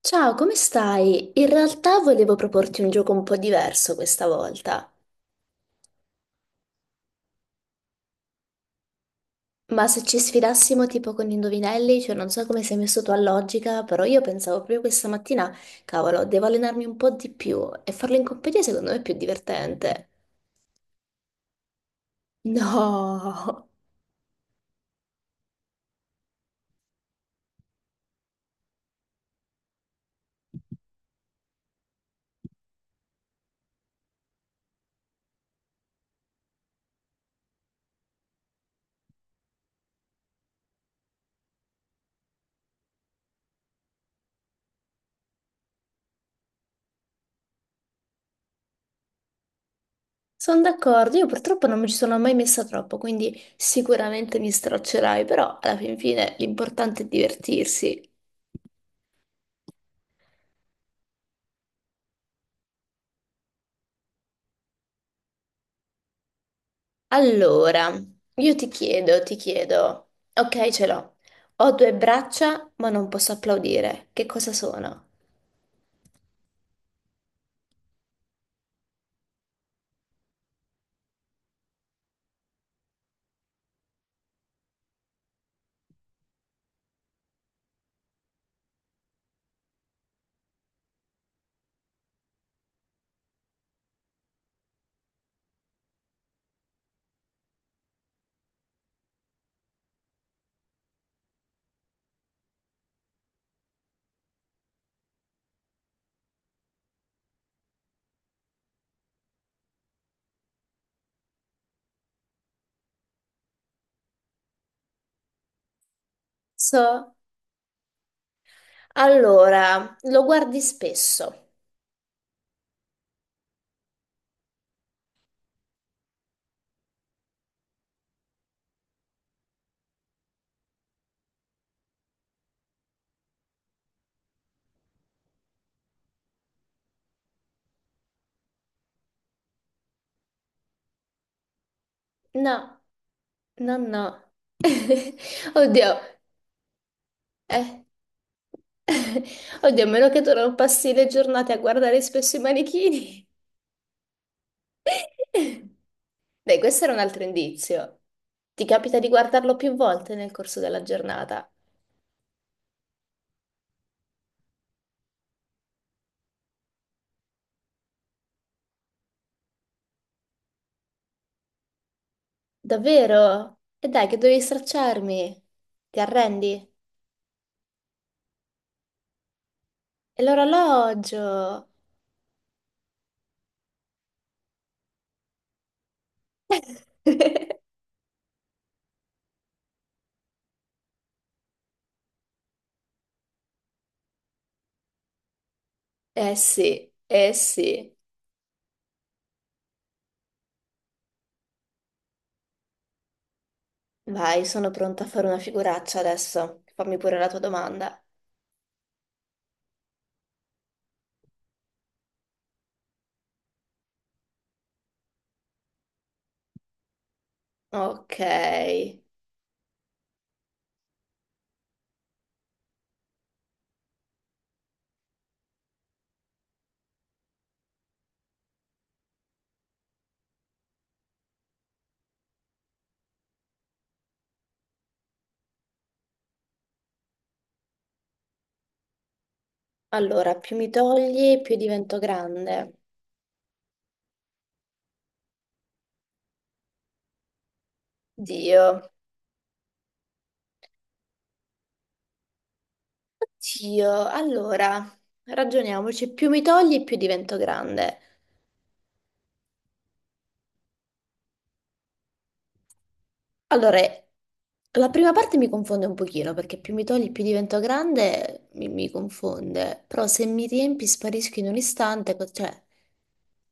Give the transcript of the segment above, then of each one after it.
Ciao, come stai? In realtà volevo proporti un gioco un po' diverso questa volta, ma se ci sfidassimo tipo con gli indovinelli, cioè non so come sei messo tu a logica, però io pensavo proprio questa mattina, cavolo, devo allenarmi un po' di più e farlo in compagnia secondo me è più divertente. No, sono d'accordo, io purtroppo non mi ci sono mai messa troppo, quindi sicuramente mi straccerai, però alla fin fine l'importante è divertirsi. Allora, io ti chiedo, ok, ce l'ho. Ho due braccia, ma non posso applaudire. Che cosa sono? So. Allora, lo guardi spesso? No, no, no. Oddio, eh. Oddio, a meno che tu non passi le giornate a guardare spesso i manichini. Dai, questo era un altro indizio. Ti capita di guardarlo più volte nel corso della giornata? Davvero? E dai, che dovevi stracciarmi? Ti arrendi? E l'orologio? Eh sì, eh sì. Vai, sono pronta a fare una figuraccia adesso. Fammi pure la tua domanda. Ok. Allora, più mi togli, più divento grande. Dio, Dio. Allora, ragioniamoci. Più mi togli, più divento grande. Allora, la prima parte mi confonde un pochino perché più mi togli, più divento grande, mi confonde. Però se mi riempi sparisco in un istante, cioè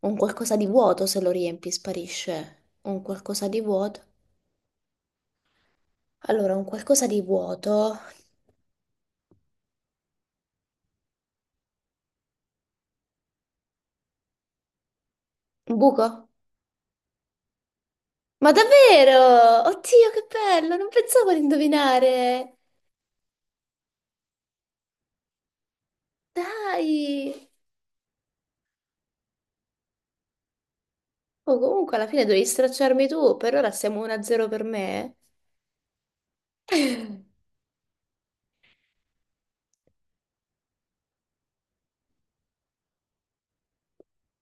un qualcosa di vuoto se lo riempi sparisce. Un qualcosa di vuoto. Allora, un qualcosa di vuoto. Un buco? Ma davvero? Oddio, che bello! Non pensavo di indovinare. Dai! Oh, comunque alla fine dovevi stracciarmi tu, per ora siamo 1-0 per me.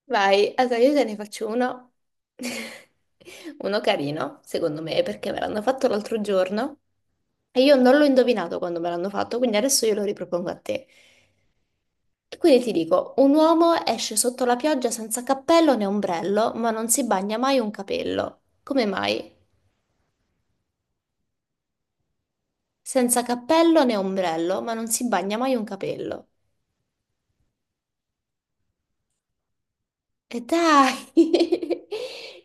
Vai, allora io te ne faccio uno, uno carino, secondo me, perché me l'hanno fatto l'altro giorno e io non l'ho indovinato quando me l'hanno fatto, quindi adesso io lo ripropongo a te. E quindi ti dico, un uomo esce sotto la pioggia senza cappello né ombrello, ma non si bagna mai un capello. Come mai? Senza cappello né ombrello, ma non si bagna mai un capello. E dai!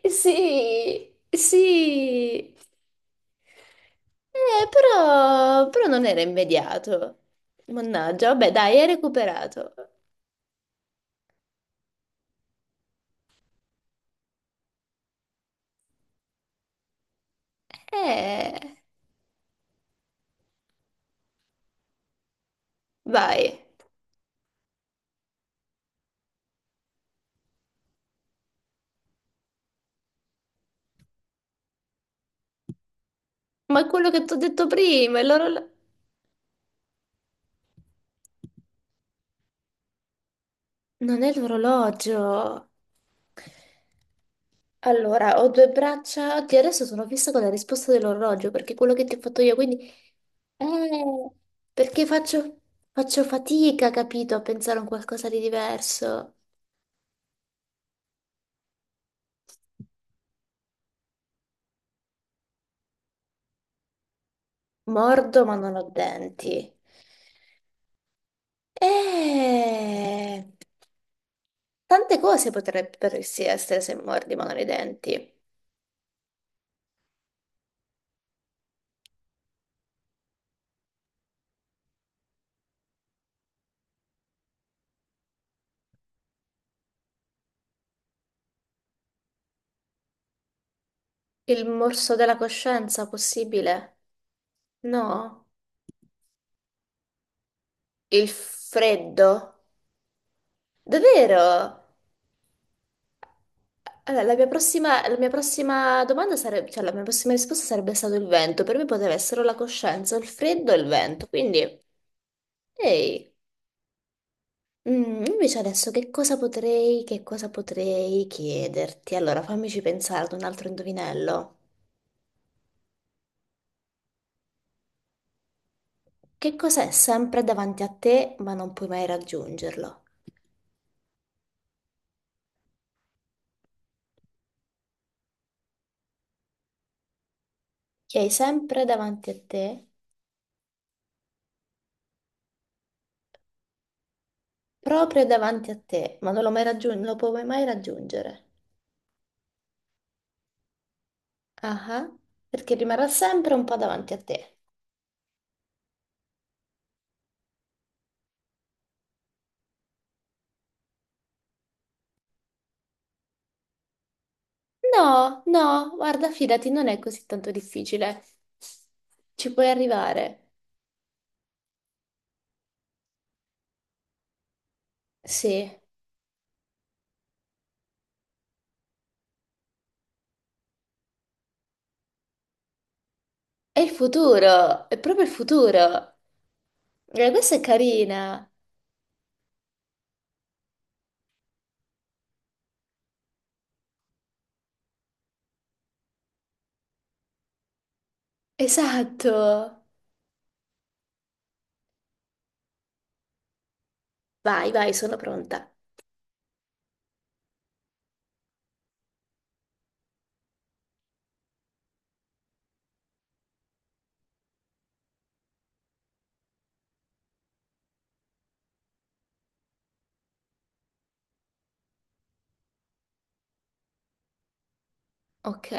Sì, sì. Però, però non era immediato. Mannaggia, vabbè, dai, hai recuperato. Eh, vai. Ma è quello che ti ho detto prima, è l'orologio. Non è l'orologio. Allora, ho due braccia. Oddio, adesso sono fissa con la risposta dell'orologio perché è quello che ti ho fatto io, quindi eh, perché faccio, faccio fatica, capito, a pensare a un qualcosa di diverso. Mordo, ma non ho denti. Eh, tante cose potrebbero sì essere se mordi, ma non hai denti. Il morso della coscienza, possibile? No? Il freddo? Davvero? Allora, la mia prossima domanda sarebbe, cioè la mia prossima risposta sarebbe stato il vento. Per me poteva essere o la coscienza, o il freddo e il vento. Quindi, ehi. Mm, invece adesso che cosa potrei chiederti? Allora, fammici pensare ad un altro indovinello. Che cos'è sempre davanti a te, ma non puoi mai raggiungerlo? Che hai sempre davanti a te, proprio davanti a te, ma non lo, mai raggiun- non lo puoi mai raggiungere. Ah, ah, perché rimarrà sempre un po' davanti a te. No, no, guarda, fidati, non è così tanto difficile. Ci puoi arrivare. Sì. È il futuro, è proprio il futuro. Questa è carina. Esatto. Vai, vai, sono pronta. Ok.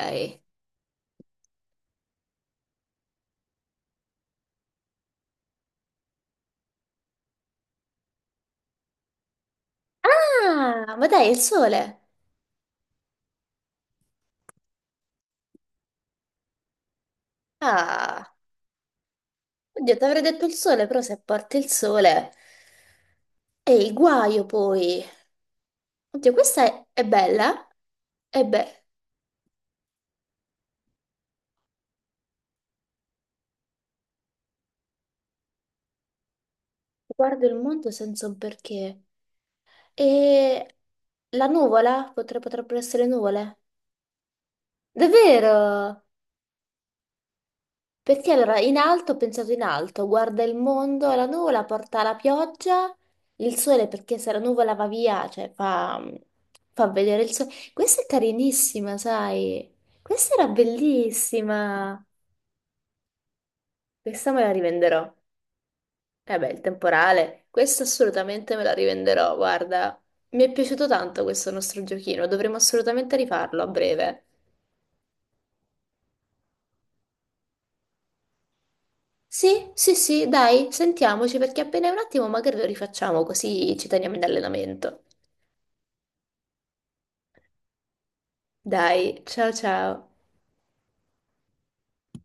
Ah, ma dai, è il sole. Ah, oddio, ti avrei detto il sole, però se porti il sole è il guaio poi. Oddio, questa è bella. E beh, guardo il mondo senza un perché. E la nuvola? Potrebbero essere nuvole? Davvero? Perché allora in alto ho pensato in alto, guarda il mondo, la nuvola porta la pioggia, il sole perché se la nuvola va via, cioè fa, fa vedere il sole. Questa è carinissima, sai? Questa era bellissima. Questa me la rivenderò. Eh beh, il temporale, questa assolutamente me la rivenderò, guarda. Mi è piaciuto tanto questo nostro giochino, dovremo assolutamente rifarlo a breve. Sì, sì, sì, dai, sentiamoci perché appena un attimo magari lo rifacciamo così ci teniamo in allenamento. Dai, ciao ciao.